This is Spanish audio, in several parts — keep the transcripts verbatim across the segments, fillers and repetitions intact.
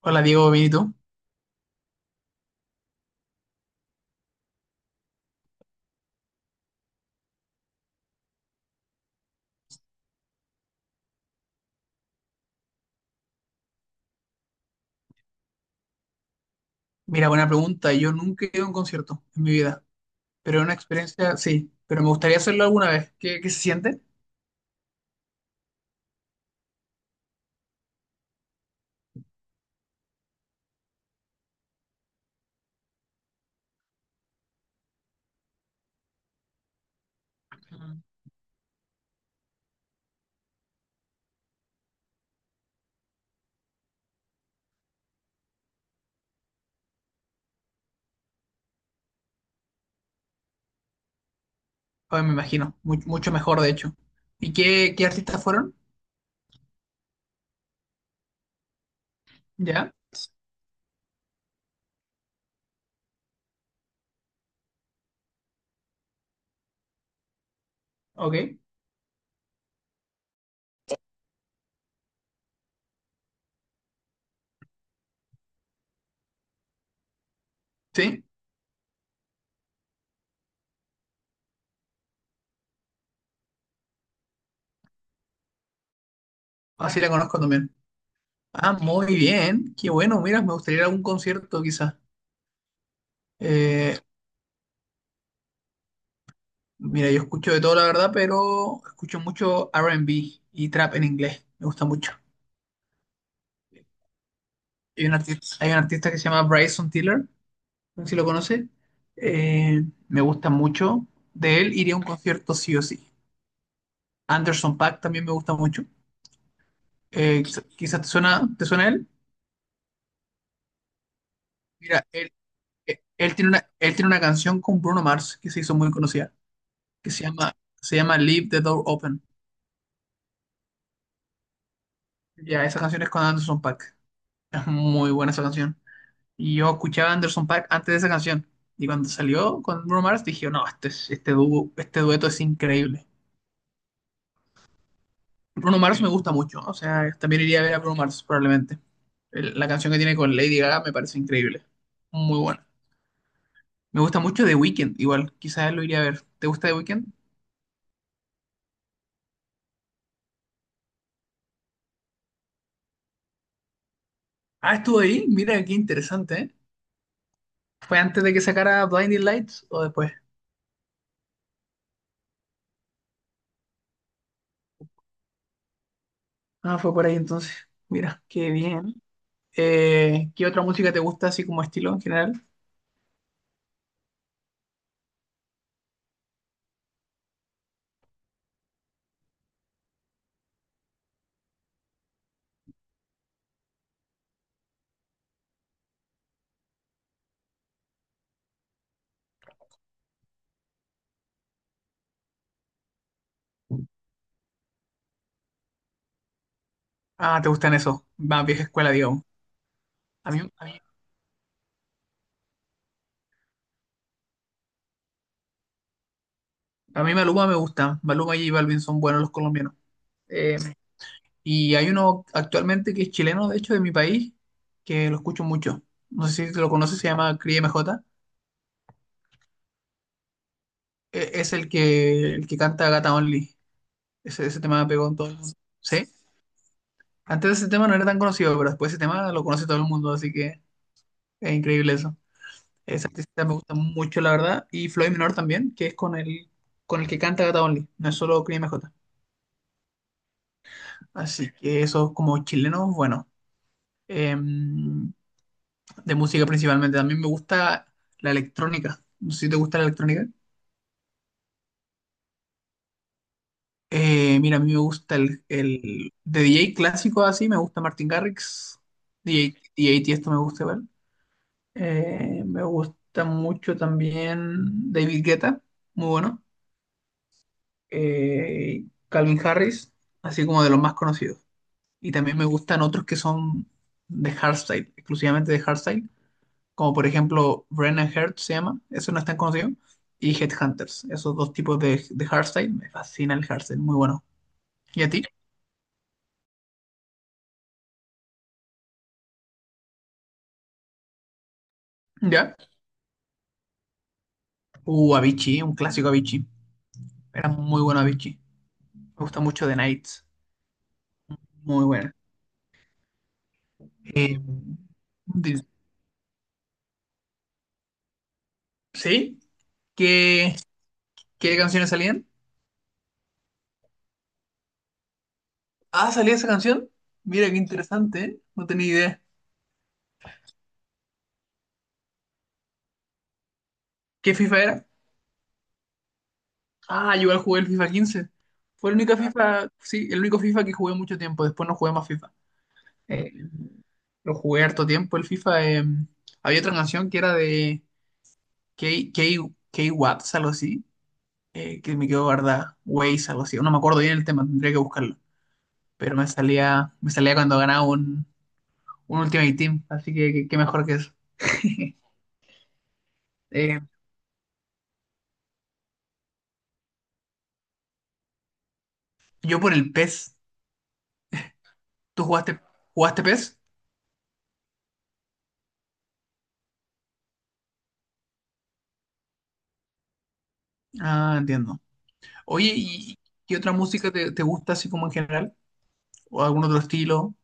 Hola Diego, bien, ¿y tú? Mira, buena pregunta. Yo nunca he ido a un concierto en mi vida, pero es una experiencia sí, pero me gustaría hacerlo alguna vez. ¿Qué, qué se siente? Pues me imagino, mu- mucho mejor de hecho. ¿Y qué, qué artistas fueron? ¿Ya? Ok, sí, así la conozco también. Ah, muy bien, qué bueno, mira, me gustaría ir a algún concierto quizás. Eh, Mira, yo escucho de todo la verdad, pero escucho mucho R and B y trap en inglés, me gusta mucho. Hay un artista, hay un artista que se llama Bryson Tiller, no sé si lo conoce. Eh, Me gusta mucho. De él iría a un concierto sí o sí. Anderson Paak también me gusta mucho. Eh, quizá- quizás te suena, ¿te suena él? Mira, él, eh, él tiene una, él tiene una canción con Bruno Mars que se hizo muy conocida, que se llama, se llama Leave the Door Open. Ya, esa canción es con Anderson Paak. Es muy buena esa canción. Y yo escuchaba a Anderson Paak antes de esa canción. Y cuando salió con Bruno Mars dije, no, este, es- este, dúo- este dueto es increíble. Bruno Mars me gusta mucho, o sea, también iría a ver a Bruno Mars probablemente. El- la canción que tiene con Lady Gaga me parece increíble, muy buena. Me gusta mucho The Weeknd, igual, quizás lo iría a ver. ¿Te gusta The Weeknd? Ah, estuvo ahí, mira qué interesante, ¿eh? ¿Fue antes de que sacara Blinding Lights o después? Ah, fue por ahí entonces, mira, qué bien. Eh, ¿qué otra música te gusta así como estilo en general? Ah, te gustan esos, más vieja escuela, digamos. A mí, a mí, a mí Maluma me gusta, Maluma y J Balvin son buenos los colombianos. Eh, Y hay uno actualmente que es chileno, de hecho, de mi país, que lo escucho mucho. No sé si lo conoces, se llama Cris M J. E- Es el que, el que canta Gata Only. Ese, ese tema pegó en todo el mundo. ¿Sí? Antes de ese tema no era tan conocido, pero después de ese tema lo conoce todo el mundo, así que es increíble eso. Esa artista me gusta mucho, la verdad. Y Floyd Menor también, que es con el, con el que canta Gata Only, no es solo Cris M J. Así que eso como chilenos, bueno. Eh, de música principalmente. También me gusta la electrónica. No sé si te gusta la electrónica. Eh, mira, a mí me gusta el, el- de D J clásico así, me gusta Martin Garrix, D J, D J Tiesto me gusta igual. Eh, me gusta mucho también David Guetta, muy bueno. Eh, Calvin Harris, así como de los más conocidos. Y también me gustan otros que son de hardstyle, exclusivamente de hardstyle, como por ejemplo Brennan Heart se llama, eso no es tan conocido, y Headhunters, esos dos tipos de, de hardstyle, me fascina el hardstyle, muy bueno. ¿Y a ti? ¿Ya? Uh, Avicii, un clásico Avicii, era muy bueno Avicii, me gusta mucho The Nights, muy bueno. Eh, di- ¿Sí? ¿Qué, qué canciones salían? Ah, salía esa canción, mira qué interesante, ¿eh? No tenía idea. ¿Qué FIFA era? Ah, yo igual jugué el FIFA quince. Fue el único FIFA, sí, el único FIFA que jugué mucho tiempo, después no jugué más FIFA. Lo jugué harto tiempo el FIFA. Eh, había otra canción que era de K, K, K-Watts, algo así, eh, que me quedó guardada. Waze, algo así. No me acuerdo bien el tema, tendría que buscarlo. Pero me salía, me salía cuando ganaba un, un Ultimate Team, así que que- qué mejor que eso. Eh, yo por el PES. ¿Tú jugaste, jugaste PES? Ah, entiendo. Oye, ¿y qué otra música te, te gusta así como en general? ¿O algún otro estilo?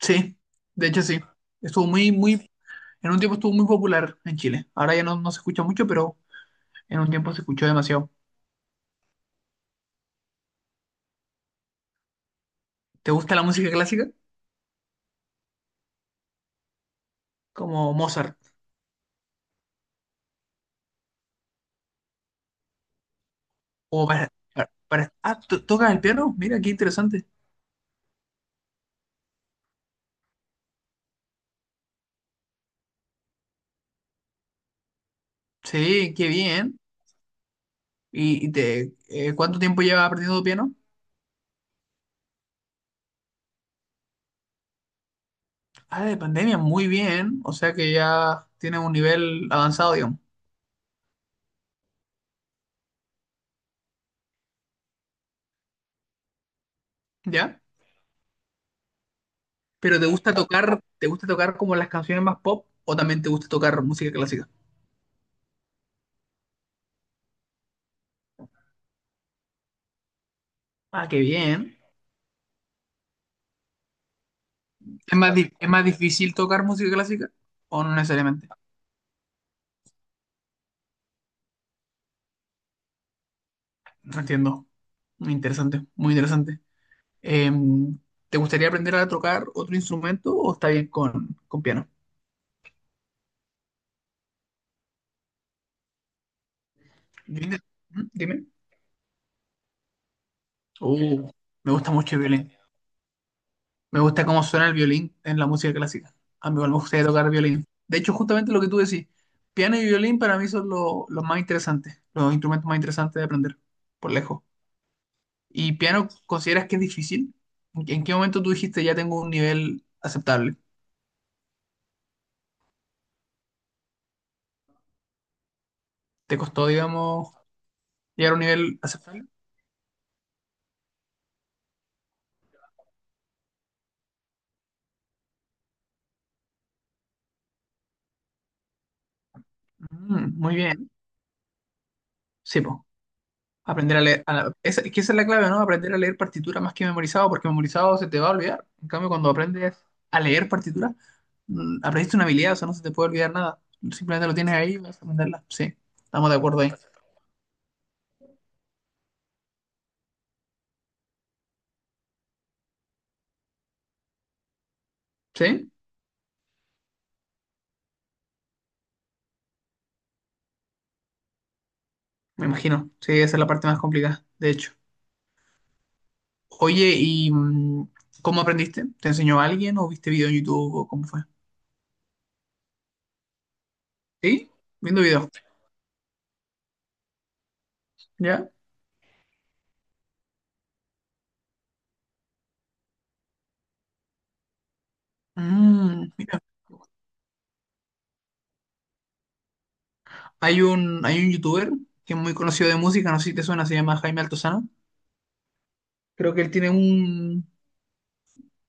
Sí, de hecho sí. Estuvo muy, muy En un tiempo estuvo muy popular en Chile. Ahora ya no, no se escucha mucho, pero en un tiempo se escuchó demasiado. ¿Te gusta la música clásica? Como Mozart. O para, para, para- Ah, ¿to- ¿tocas el piano? Mira, qué interesante. Sí, qué bien. ¿Y, y te, eh, cuánto tiempo llevas aprendiendo piano? Ah, de pandemia, muy bien. O sea que ya tienes un nivel avanzado, digamos. ¿Ya? ¿Pero te gusta tocar, te gusta tocar como las canciones más pop o también te gusta tocar música clásica? Ah, qué bien. ¿Es más, di- es más difícil tocar música clásica o no necesariamente? Entiendo. Muy interesante, muy interesante. Em, ¿te gustaría aprender a tocar otro instrumento o está bien con, con, piano? Yo inte- ¿Mm? Dime. Uh, Me gusta mucho el violín. Me gusta cómo suena el violín en la música clásica. A mí igual me gustaría tocar violín. De hecho, justamente lo que tú decís, piano y violín para mí son lo- los más interesantes, los instrumentos más interesantes de aprender, por lejos. ¿Y piano consideras que es difícil? ¿En en qué momento tú dijiste ya tengo un nivel aceptable? ¿Te costó, digamos, llegar a un nivel aceptable? Mm, muy bien. Sí, pues. Aprender a leer. a la- esa- es que esa es la clave, ¿no? Aprender a leer partitura más que memorizado, porque memorizado se te va a olvidar. En cambio, cuando aprendes a leer partitura, mm, aprendiste una habilidad, o sea, no se te puede olvidar nada. Simplemente lo tienes ahí y vas a aprenderla. Sí, estamos de acuerdo ahí. ¿Sí? Me imagino. Sí, esa es la parte más complicada, de hecho. Oye, ¿y mm, cómo aprendiste? ¿Te enseñó alguien o viste video en YouTube o cómo fue? ¿Sí? Viendo video. ¿Ya? Mm, mira. Hay un, hay un youtuber que es muy conocido de música, no sé si te suena, se llama Jaime Altozano. Creo que él tiene un,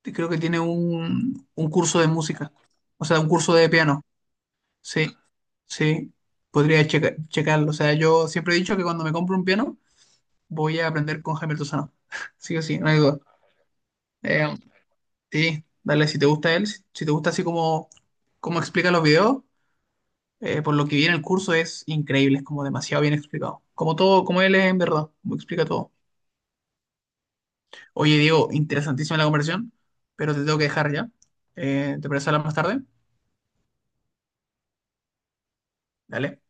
creo que tiene un, un curso de música, o sea, un curso de piano. Sí, sí, podría checa- checarlo. O sea, yo siempre he dicho que cuando me compro un piano voy a aprender con Jaime Altozano. Sí o sí, no hay duda. Eh, sí, dale, si te gusta él, si si te gusta así como, como explica los videos, eh, por lo que viene el curso es increíble, es como demasiado bien explicado. Como todo, como él es en verdad, como explica todo. Oye, Diego, interesantísima la conversación, pero te tengo que dejar ya. Eh, ¿te parece hablar más tarde? Dale.